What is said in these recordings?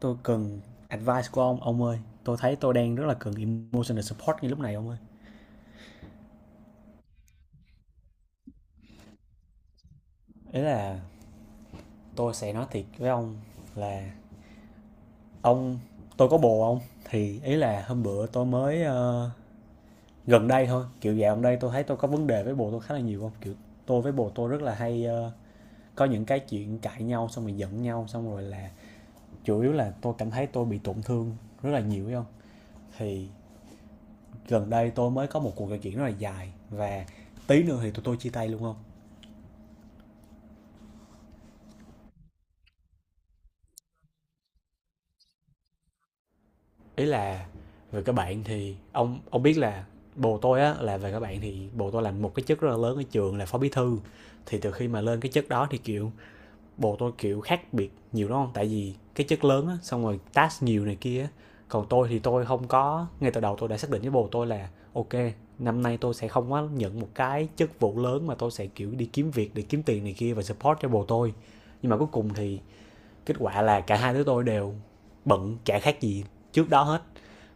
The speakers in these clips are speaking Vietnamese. Tôi cần advice của ông ơi. Tôi thấy tôi đang rất là cần emotional support ngay lúc này ông ơi. Ý là tôi sẽ nói thiệt với ông là, ông, tôi có bồ ông. Thì ý là hôm bữa tôi mới gần đây thôi, kiểu dạo gần đây tôi thấy tôi có vấn đề với bồ tôi khá là nhiều không? Kiểu tôi với bồ tôi rất là hay có những cái chuyện cãi nhau xong rồi giận nhau xong rồi là chủ yếu là tôi cảm thấy tôi bị tổn thương rất là nhiều phải không? Thì gần đây tôi mới có một cuộc trò chuyện rất là dài và tí nữa thì tụi tôi chia tay luôn không. Ý là về các bạn thì ông biết là bồ tôi á, là về các bạn thì bồ tôi làm một cái chức rất là lớn ở trường là phó bí thư. Thì từ khi mà lên cái chức đó thì kiểu bồ tôi kiểu khác biệt nhiều đúng không, tại vì cái chức lớn á, xong rồi task nhiều này kia. Còn tôi thì tôi không có, ngay từ đầu tôi đã xác định với bồ tôi là ok năm nay tôi sẽ không có nhận một cái chức vụ lớn mà tôi sẽ kiểu đi kiếm việc để kiếm tiền này kia và support cho bồ tôi. Nhưng mà cuối cùng thì kết quả là cả hai đứa tôi đều bận chả khác gì trước đó hết.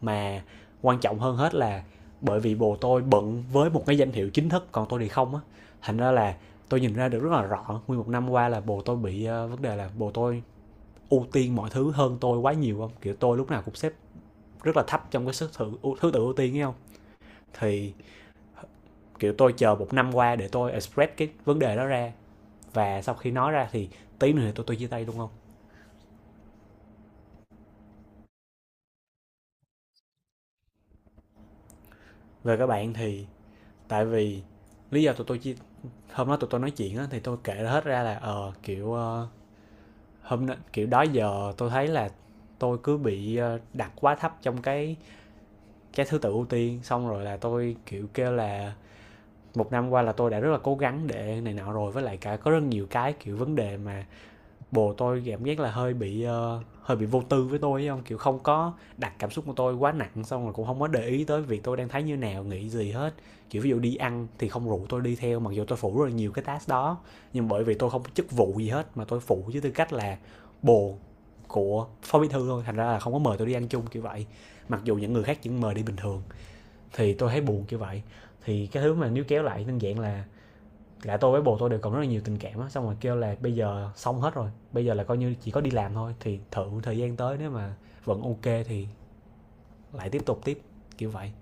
Mà quan trọng hơn hết là bởi vì bồ tôi bận với một cái danh hiệu chính thức còn tôi thì không á, thành ra là tôi nhìn ra được rất là rõ nguyên một năm qua là bồ tôi bị vấn đề là bồ tôi ưu tiên mọi thứ hơn tôi quá nhiều không, kiểu tôi lúc nào cũng xếp rất là thấp trong thứ tự ưu tiên ấy không. Thì kiểu tôi chờ một năm qua để tôi express cái vấn đề đó ra, và sau khi nói ra thì tí nữa thì tôi chia tay luôn không. Về các bạn thì tại vì lý do tụi tôi chia, hôm đó tụi tôi nói chuyện á thì tôi kể hết ra là kiểu hôm nay kiểu đó giờ tôi thấy là tôi cứ bị đặt quá thấp trong cái thứ tự ưu tiên, xong rồi là tôi kiểu kêu là một năm qua là tôi đã rất là cố gắng để này nọ rồi, với lại cả có rất nhiều cái kiểu vấn đề mà bồ tôi cảm giác là hơi bị vô tư với tôi ấy không, kiểu không có đặt cảm xúc của tôi quá nặng xong rồi cũng không có để ý tới việc tôi đang thấy như nào nghĩ gì hết. Kiểu ví dụ đi ăn thì không rủ tôi đi theo mặc dù tôi phụ rất là nhiều cái task đó, nhưng bởi vì tôi không có chức vụ gì hết mà tôi phụ với tư cách là bồ của phó bí thư thôi, thành ra là không có mời tôi đi ăn chung kiểu vậy, mặc dù những người khác chỉ mời đi bình thường, thì tôi thấy buồn kiểu vậy. Thì cái thứ mà níu kéo lại đơn giản là cả tôi với bồ tôi đều còn rất là nhiều tình cảm á, xong rồi kêu là bây giờ xong hết rồi, bây giờ là coi như chỉ có đi làm thôi, thì thử thời gian tới nếu mà vẫn ok thì lại tiếp tục tiếp kiểu vậy.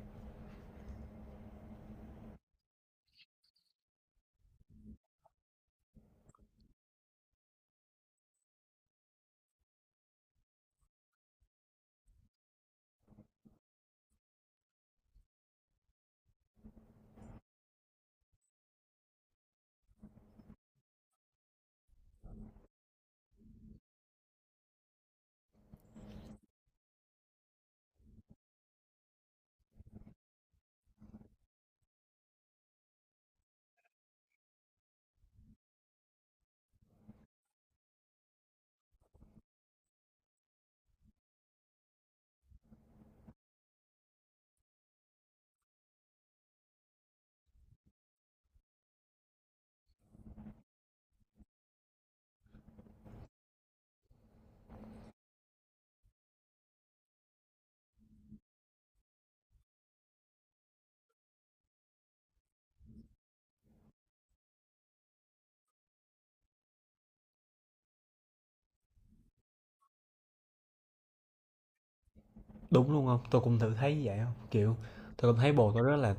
Đúng luôn không, tôi cũng thử thấy vậy không, kiểu tôi cũng thấy bồ tôi rất là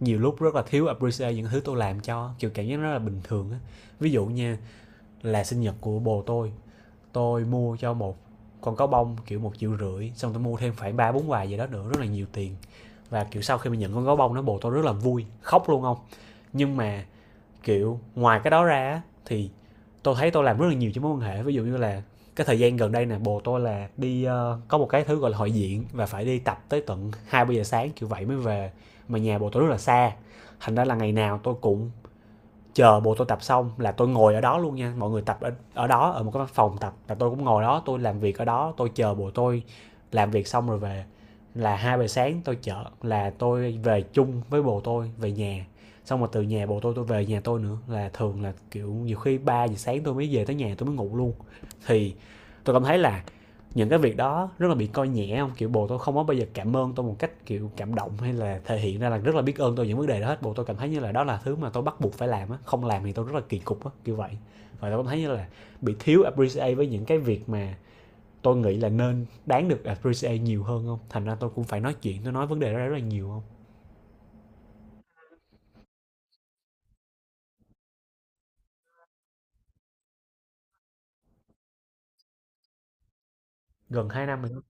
nhiều lúc rất là thiếu appreciate những thứ tôi làm cho, kiểu cảm giác rất là bình thường á. Ví dụ nha, là sinh nhật của bồ tôi mua cho một con cá bông kiểu 1,5 triệu, xong tôi mua thêm khoảng ba bốn hoài gì đó nữa, rất là nhiều tiền. Và kiểu sau khi mình nhận con cá bông nó bồ tôi rất là vui khóc luôn không. Nhưng mà kiểu ngoài cái đó ra thì tôi thấy tôi làm rất là nhiều cho mối quan hệ. Ví dụ như là cái thời gian gần đây nè bồ tôi là đi có một cái thứ gọi là hội diện và phải đi tập tới tận hai ba giờ sáng kiểu vậy mới về, mà nhà bồ tôi rất là xa, thành ra là ngày nào tôi cũng chờ bộ tôi tập xong là tôi ngồi ở đó luôn nha, mọi người tập ở đó, ở một cái phòng tập là tôi cũng ngồi đó tôi làm việc ở đó tôi chờ bộ tôi làm việc xong rồi về, là 2 giờ sáng tôi chở, là tôi về chung với bồ tôi về nhà, xong rồi từ nhà bồ tôi về nhà tôi nữa là thường là kiểu nhiều khi 3 giờ sáng tôi mới về tới nhà, tôi mới ngủ luôn. Thì tôi cảm thấy là những cái việc đó rất là bị coi nhẹ không, kiểu bồ tôi không có bao giờ cảm ơn tôi một cách kiểu cảm động hay là thể hiện ra là rất là biết ơn tôi những vấn đề đó hết, bồ tôi cảm thấy như là đó là thứ mà tôi bắt buộc phải làm á, không làm thì tôi rất là kỳ cục á kiểu vậy. Và tôi cảm thấy như là bị thiếu appreciate với những cái việc mà tôi nghĩ là nên đáng được appreciate nhiều hơn không, thành ra tôi cũng phải nói chuyện, tôi nói vấn đề đó rất là nhiều không. Gần 2 năm rồi đó.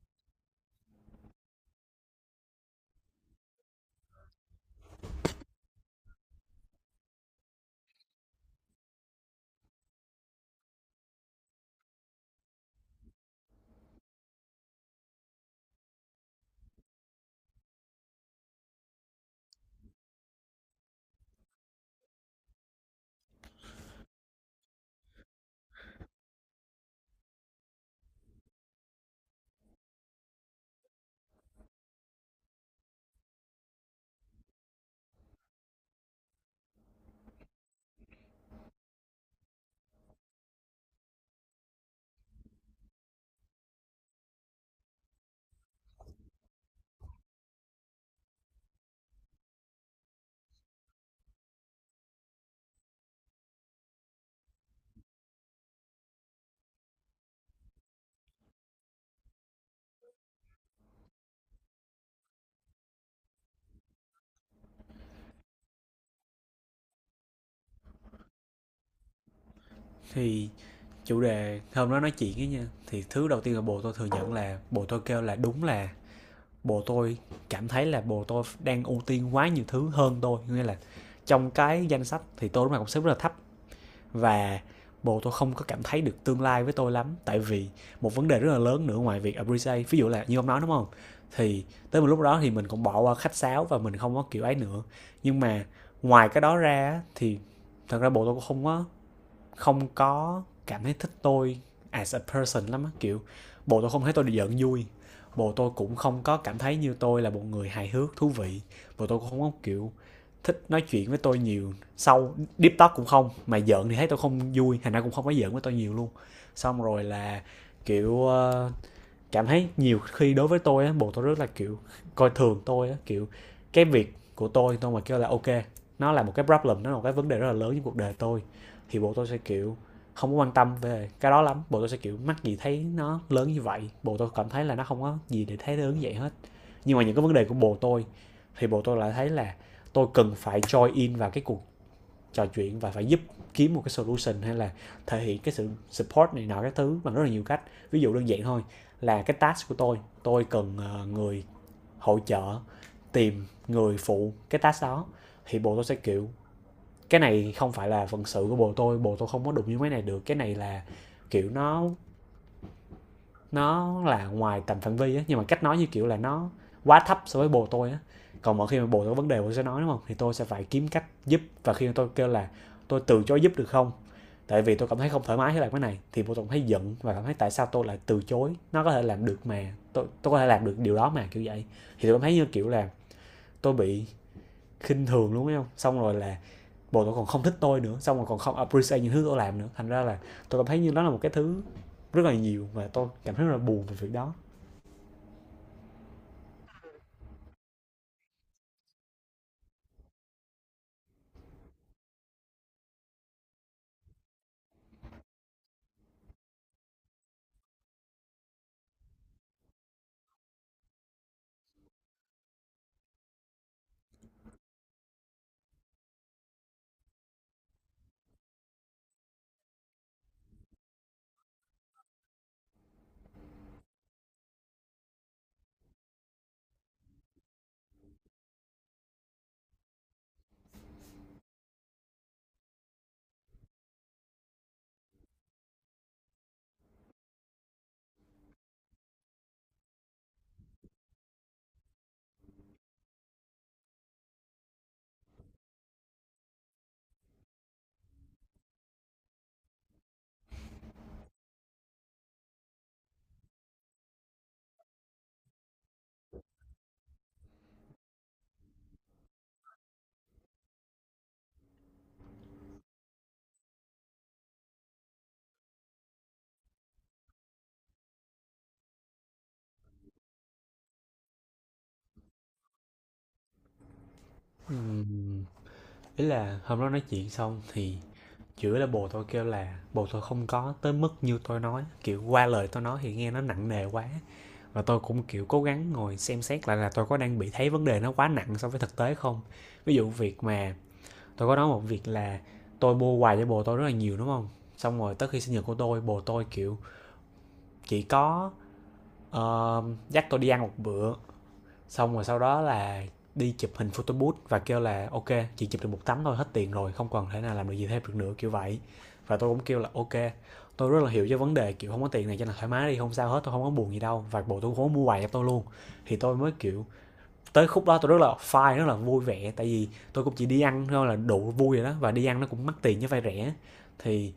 Thì chủ đề hôm đó nói chuyện ấy nha, thì thứ đầu tiên là bồ tôi thừa nhận là bồ tôi kêu là đúng là bồ tôi cảm thấy là bồ tôi đang ưu tiên quá nhiều thứ hơn tôi, nghĩa là trong cái danh sách thì tôi lúc nào cũng xếp rất là thấp, và bồ tôi không có cảm thấy được tương lai với tôi lắm, tại vì một vấn đề rất là lớn nữa ngoài việc appreciate, ví dụ là như ông nói đúng không, thì tới một lúc đó thì mình cũng bỏ qua khách sáo và mình không có kiểu ấy nữa. Nhưng mà ngoài cái đó ra thì thật ra bồ tôi cũng không có cảm thấy thích tôi as a person lắm á, kiểu bộ tôi không thấy tôi được giận vui, bộ tôi cũng không có cảm thấy như tôi là một người hài hước thú vị, bộ tôi cũng không có kiểu thích nói chuyện với tôi nhiều, sâu deep talk cũng không, mà giận thì thấy tôi không vui thành ra cũng không có giận với tôi nhiều luôn. Xong rồi là kiểu cảm thấy nhiều khi đối với tôi á bồ tôi rất là kiểu coi thường tôi á, kiểu cái việc của tôi mà kêu là ok nó là một cái problem nó là một cái vấn đề rất là lớn trong cuộc đời tôi, thì bộ tôi sẽ kiểu không có quan tâm về cái đó lắm, bộ tôi sẽ kiểu mắc gì thấy nó lớn như vậy, bộ tôi cảm thấy là nó không có gì để thấy lớn như vậy hết. Nhưng mà những cái vấn đề của bồ tôi thì bồ tôi lại thấy là tôi cần phải join in vào cái cuộc trò chuyện và phải giúp kiếm một cái solution hay là thể hiện cái sự support này nọ các thứ bằng rất là nhiều cách. Ví dụ đơn giản thôi, là cái task của tôi cần người hỗ trợ tìm người phụ cái task đó, thì bộ tôi sẽ kiểu cái này không phải là phận sự của bộ tôi, bộ tôi không có đụng như mấy này được, cái này là kiểu nó là ngoài tầm phạm vi á, nhưng mà cách nói như kiểu là nó quá thấp so với bồ tôi á. Còn mỗi khi mà bồ tôi có vấn đề bồ sẽ nói đúng không, thì tôi sẽ phải kiếm cách giúp, và khi tôi kêu là tôi từ chối giúp được không, tại vì tôi cảm thấy không thoải mái với lại cái này thì bồ tôi cũng thấy giận và cảm thấy tại sao tôi lại từ chối, nó có thể làm được mà, tôi có thể làm được điều đó mà kiểu vậy. Thì tôi cảm thấy như kiểu là tôi bị khinh thường luôn thấy không, xong rồi là bộ tôi còn không thích tôi nữa xong rồi còn không appreciate những thứ tôi làm nữa, thành ra là tôi cảm thấy như đó là một cái thứ rất là nhiều, và tôi cảm thấy rất là buồn về việc đó. Ừm, Ý là hôm đó nói chuyện xong thì chửi là, bồ tôi kêu là bồ tôi không có tới mức như tôi nói, kiểu qua lời tôi nói thì nghe nó nặng nề quá. Và tôi cũng kiểu cố gắng ngồi xem xét lại là tôi có đang bị thấy vấn đề nó quá nặng so với thực tế không. Ví dụ việc mà tôi có nói một việc là tôi mua quà cho bồ tôi rất là nhiều đúng không, xong rồi tới khi sinh nhật của tôi, bồ tôi kiểu chỉ có ờ, dắt tôi đi ăn một bữa, xong rồi sau đó là đi chụp hình photo booth và kêu là ok, chỉ chụp được một tấm thôi, hết tiền rồi không còn thể nào làm được gì thêm được nữa, kiểu vậy. Và tôi cũng kêu là ok, tôi rất là hiểu cho vấn đề kiểu không có tiền này, cho nên thoải mái đi không sao hết, tôi không có buồn gì đâu, và bồ tôi cũng không mua quà cho tôi luôn. Thì tôi mới kiểu, tới khúc đó tôi rất là fine, rất là vui vẻ, tại vì tôi cũng chỉ đi ăn thôi là đủ vui rồi đó, và đi ăn nó cũng mắc tiền chứ vay rẻ. Thì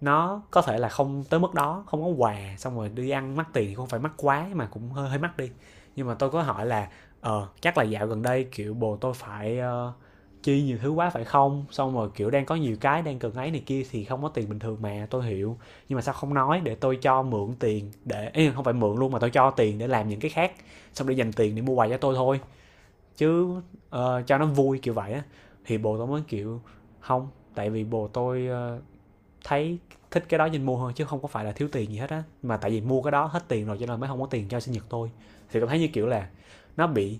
nó có thể là không tới mức đó, không có quà xong rồi đi ăn mắc tiền thì không phải mắc quá mà cũng hơi hơi mắc đi. Nhưng mà tôi có hỏi là ờ chắc là dạo gần đây kiểu bồ tôi phải chi nhiều thứ quá phải không, xong rồi kiểu đang có nhiều cái đang cần ấy này kia thì không có tiền bình thường, mà tôi hiểu. Nhưng mà sao không nói để tôi cho mượn tiền, để ý không phải mượn luôn mà tôi cho tiền để làm những cái khác, xong để dành tiền để mua quà cho tôi thôi chứ, cho nó vui kiểu vậy á. Thì bồ tôi mới kiểu không, tại vì bồ tôi thấy thích cái đó nên mua hơn, chứ không có phải là thiếu tiền gì hết á, mà tại vì mua cái đó hết tiền rồi cho nên mới không có tiền cho sinh nhật tôi. Thì cảm thấy như kiểu là nó bị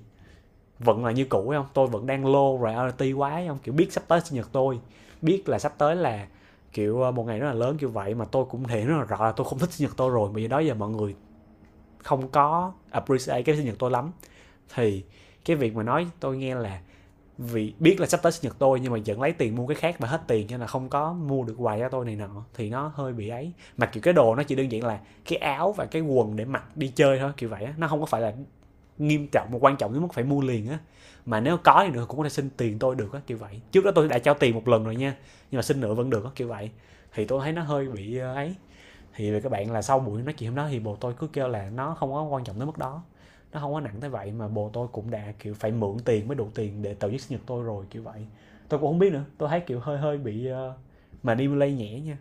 vẫn là như cũ ấy không, tôi vẫn đang low priority quá ấy không, kiểu biết sắp tới sinh nhật tôi, biết là sắp tới là kiểu một ngày rất là lớn kiểu vậy, mà tôi cũng thể hiện rất là rõ là tôi không thích sinh nhật tôi rồi, bởi vì đó giờ mọi người không có appreciate cái sinh nhật tôi lắm. Thì cái việc mà nói tôi nghe là vì biết là sắp tới sinh nhật tôi nhưng mà vẫn lấy tiền mua cái khác và hết tiền cho nên là không có mua được quà cho tôi này nọ, thì nó hơi bị ấy. Mặc kiểu cái đồ nó chỉ đơn giản là cái áo và cái quần để mặc đi chơi thôi kiểu vậy á, nó không có phải là nghiêm trọng mà quan trọng đến mức phải mua liền á. Mà nếu có thì nữa cũng có thể xin tiền tôi được á kiểu vậy, trước đó tôi đã trao tiền một lần rồi nha, nhưng mà xin nữa vẫn được á kiểu vậy. Thì tôi thấy nó hơi bị ấy. Thì các bạn là sau buổi nói chuyện hôm đó thì bồ tôi cứ kêu là nó không có quan trọng tới mức đó, nó không có nặng tới vậy, mà bồ tôi cũng đã kiểu phải mượn tiền mới đủ tiền để tổ chức sinh nhật tôi rồi kiểu vậy. Tôi cũng không biết nữa, tôi thấy kiểu hơi hơi bị mà đi lây nhẹ nha.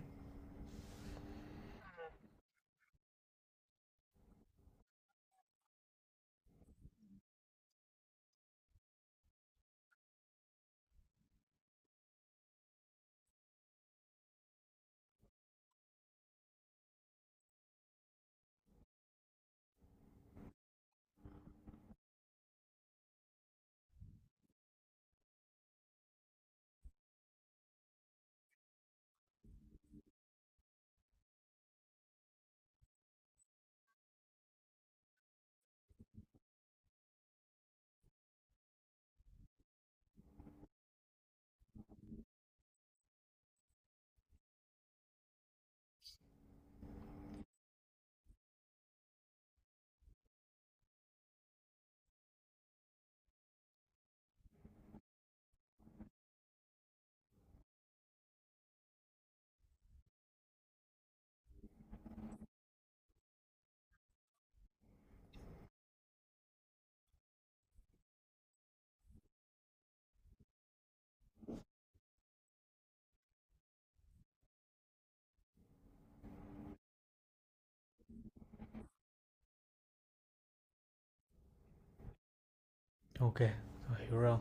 Ok, tôi hiểu rồi,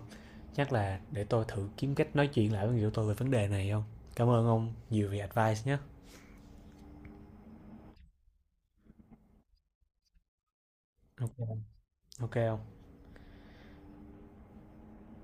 chắc là để tôi thử kiếm cách nói chuyện lại với người yêu tôi về vấn đề này không. Cảm ơn ông nhiều vì advice nhé. Ok. Ok không